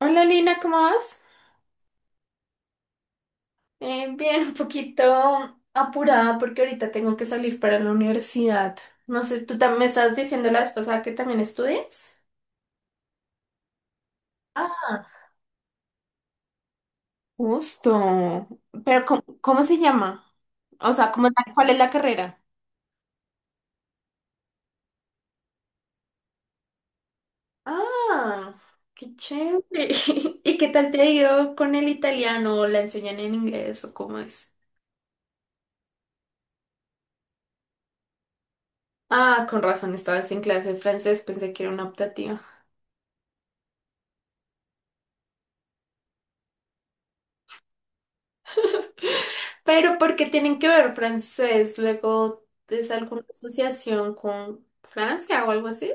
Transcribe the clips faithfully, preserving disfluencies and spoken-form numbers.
Hola Lina, ¿cómo vas? Eh, bien, un poquito apurada porque ahorita tengo que salir para la universidad. No sé, ¿tú también me estás diciendo la vez pasada que también estudias? Ah, justo. Pero ¿cómo, cómo se llama? O sea, ¿cómo, cuál es la carrera? Ah, qué chévere. ¿Y qué tal te ha ido con el italiano? ¿O ¿la enseñan en inglés o cómo es? Ah, con razón, estabas en clase de francés, pensé que era una optativa. ¿Pero porque tienen que ver francés? Luego es alguna asociación con Francia o algo así.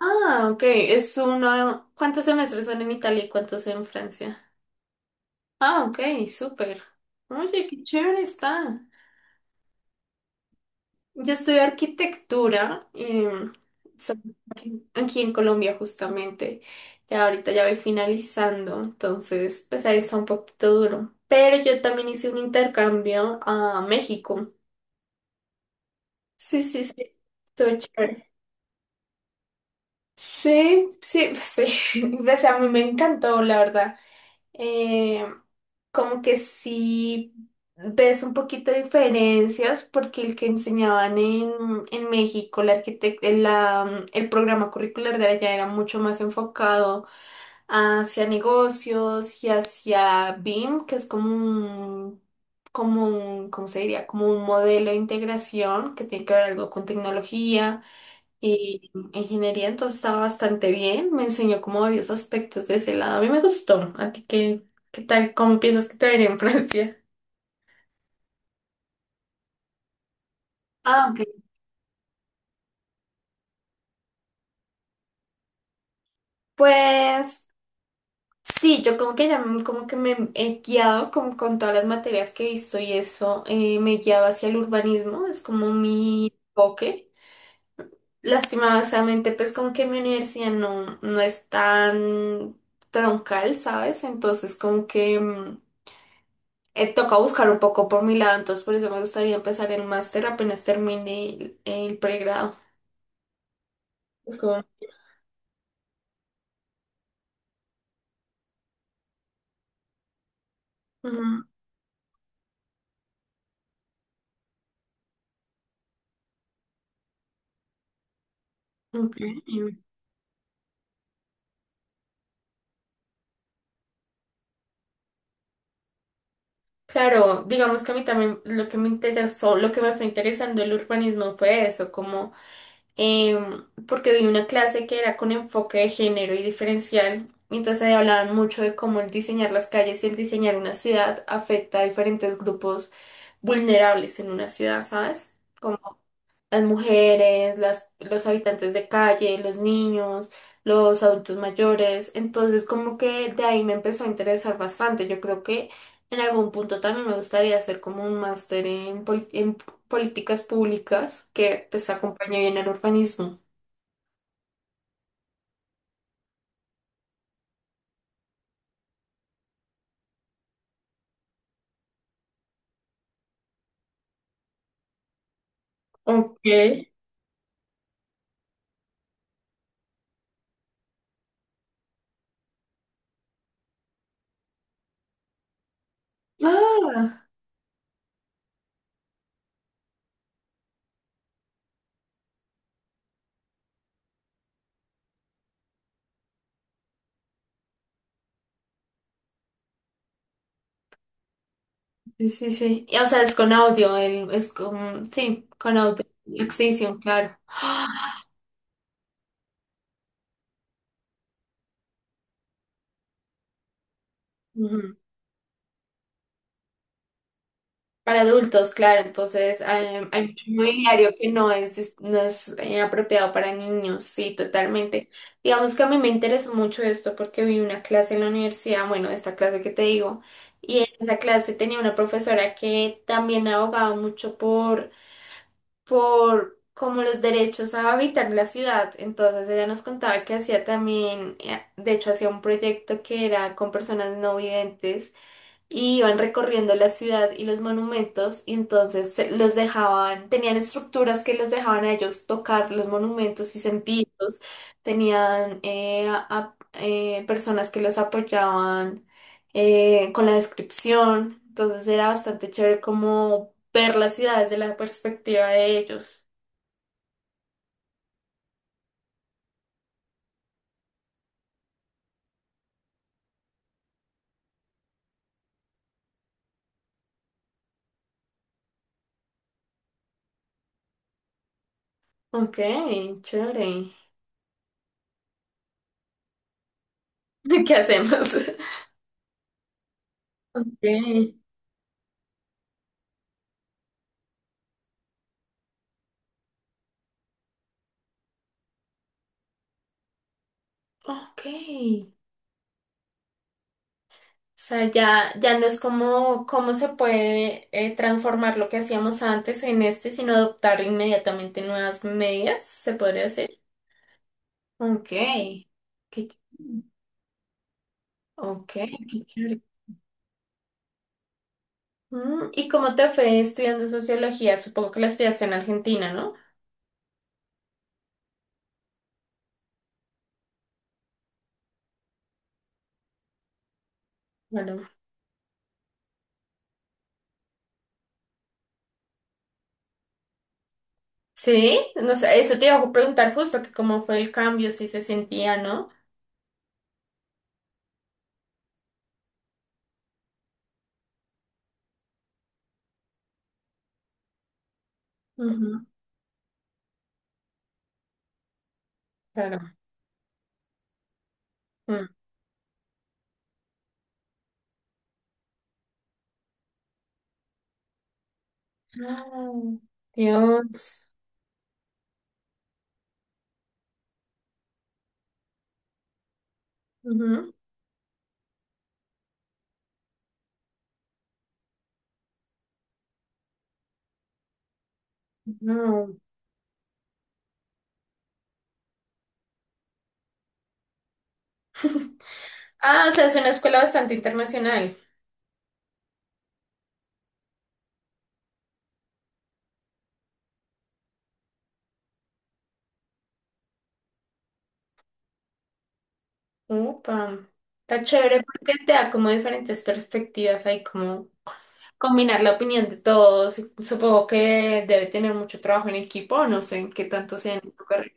Ah, ok. Es uno. ¿Cuántos semestres son en Italia y cuántos en Francia? Ah, ok, súper. Oye, qué chévere está. Yo estudié arquitectura em, so- aquí, aquí en Colombia justamente. Ya ahorita ya voy finalizando, entonces pues ahí está un poquito duro. Pero yo también hice un intercambio a México. Sí, sí, sí. Estuvo chévere. Sí, sí, sí. O sea, a mí me encantó, la verdad. Eh, Como que sí ves un poquito de diferencias porque el que enseñaban en, en México, la arquitec- el, la, el programa curricular de allá era mucho más enfocado hacia negocios y hacia B I M, que es como un, como un, ¿cómo se diría? Como un modelo de integración que tiene que ver algo con tecnología. Y ingeniería, entonces estaba bastante bien, me enseñó como varios aspectos de ese lado. A mí me gustó. ¿A ti qué, qué tal? ¿Cómo piensas que te vería en Francia? Ah, ok. Pues sí, yo como que ya m- como que me he guiado como con todas las materias que he visto y eso, eh, me he guiado hacia el urbanismo, es como mi enfoque. Lastimadamente, pues como que mi universidad no, no es tan troncal, ¿sabes? Entonces como que... mm, eh, toca buscar un poco por mi lado, entonces por eso me gustaría empezar el máster apenas termine el, el pregrado. Es como, ujú, ok. Claro, digamos que a mí también lo que me interesó, lo que me fue interesando el urbanismo fue eso, como em, porque vi una clase que era con enfoque de género y diferencial, y entonces ahí hablaban mucho de cómo el diseñar las calles y el diseñar una ciudad afecta a diferentes grupos vulnerables en una ciudad, ¿sabes? Las mujeres, las, los habitantes de calle, los niños, los adultos mayores. Entonces, como que de ahí me empezó a interesar bastante. Yo creo que en algún punto también me gustaría hacer como un máster en, poli- en políticas públicas que pues acompañe bien al urbanismo. Ok. Ah, sí, sí, sí. Y, o sea, es con audio, el, es con, sí, con audio. La extensión, claro. Para adultos, claro, entonces eh, hay mucho mobiliario que no es, dis- no es eh, apropiado para niños, sí, totalmente. Digamos que a mí me interesó mucho esto porque vi una clase en la universidad, bueno, esta clase que te digo, y en esa clase tenía una profesora que también abogaba mucho por, por como los derechos a habitar la ciudad, entonces ella nos contaba que hacía también, eh, de hecho hacía un proyecto que era con personas no videntes, y iban recorriendo la ciudad y los monumentos y entonces se- los dejaban, tenían estructuras que los dejaban a ellos tocar los monumentos y sentirlos, tenían eh, a- a- eh, personas que los apoyaban eh, con la descripción, entonces era bastante chévere como ver las ciudades desde la perspectiva de ellos. Ok, chévere. ¿Qué hacemos? Ok. Ok. O sea, ya, ya no es como cómo se puede eh, transformar lo que hacíamos antes en este, sino adoptar inmediatamente nuevas medidas, se podría hacer. Ok, qué, ch- ok, qué chévere. Mm, ¿y cómo te fue estudiando sociología? Supongo que la estudiaste en Argentina, ¿no? Bueno. Sí, no sé, eso te iba a preguntar justo, que cómo fue el cambio, si se sentía, ¿no? Ujú, claro. Mm. Ah, Dios. Ujú, no. Ah, o sea, es una escuela bastante internacional. Upa, está chévere porque te da como diferentes perspectivas, hay como combinar la opinión de todos. Supongo que debe tener mucho trabajo en equipo, no sé en qué tanto sea en tu carrera.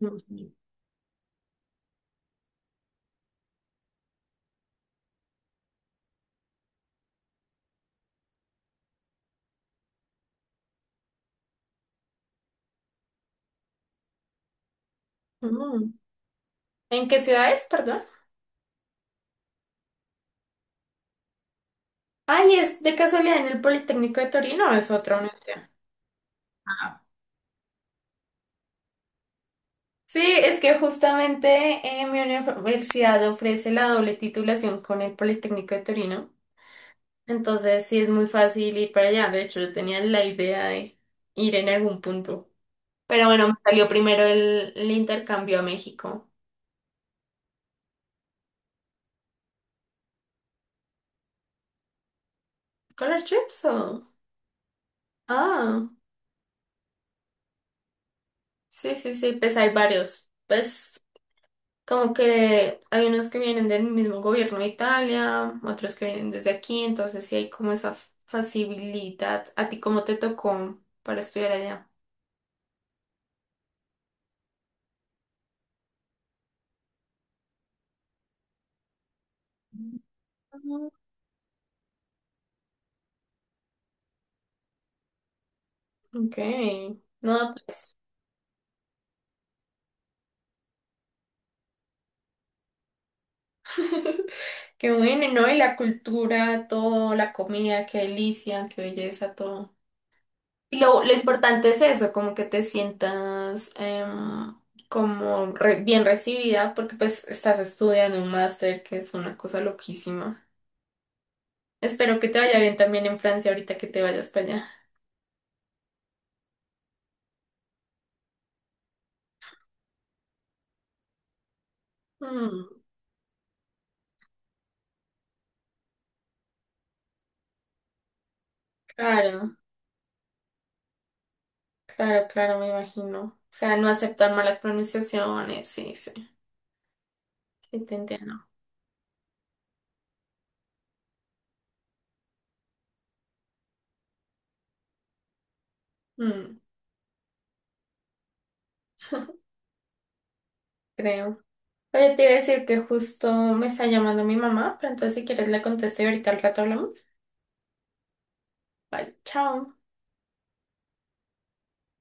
Ujú. Mm. ¿En qué ciudad es, perdón? Ay, ¿es de casualidad en el Politécnico de Torino, es otra universidad? Ah. Sí, es que justamente eh, mi universidad ofrece la doble titulación con el Politécnico de Torino. Entonces sí es muy fácil ir para allá. De hecho, yo tenía la idea de ir en algún punto. Pero bueno, me salió primero el, el intercambio a México. ¿Color trips o...? Ah, sí, sí, sí, pues hay varios. Pues como que hay unos que vienen del mismo gobierno de Italia, otros que vienen desde aquí, entonces sí hay como esa f- facilidad. ¿A ti cómo te tocó para estudiar allá? Mm, ok. No, pues, qué bueno, ¿no? Y la cultura, todo, la comida, qué delicia, qué belleza, todo. Y lo, lo importante es eso, como que te sientas em, como re- bien recibida, porque pues estás estudiando un máster, que es una cosa loquísima. Espero que te vaya bien también en Francia ahorita que te vayas para allá. Mm, claro, claro, claro, me imagino. O sea, no aceptar malas pronunciaciones, sí, sí, sí, te entiendo. Mm, creo. Oye, te iba a decir que justo me está llamando mi mamá, pero entonces si quieres le contesto y ahorita al rato hablamos. Vale, chao.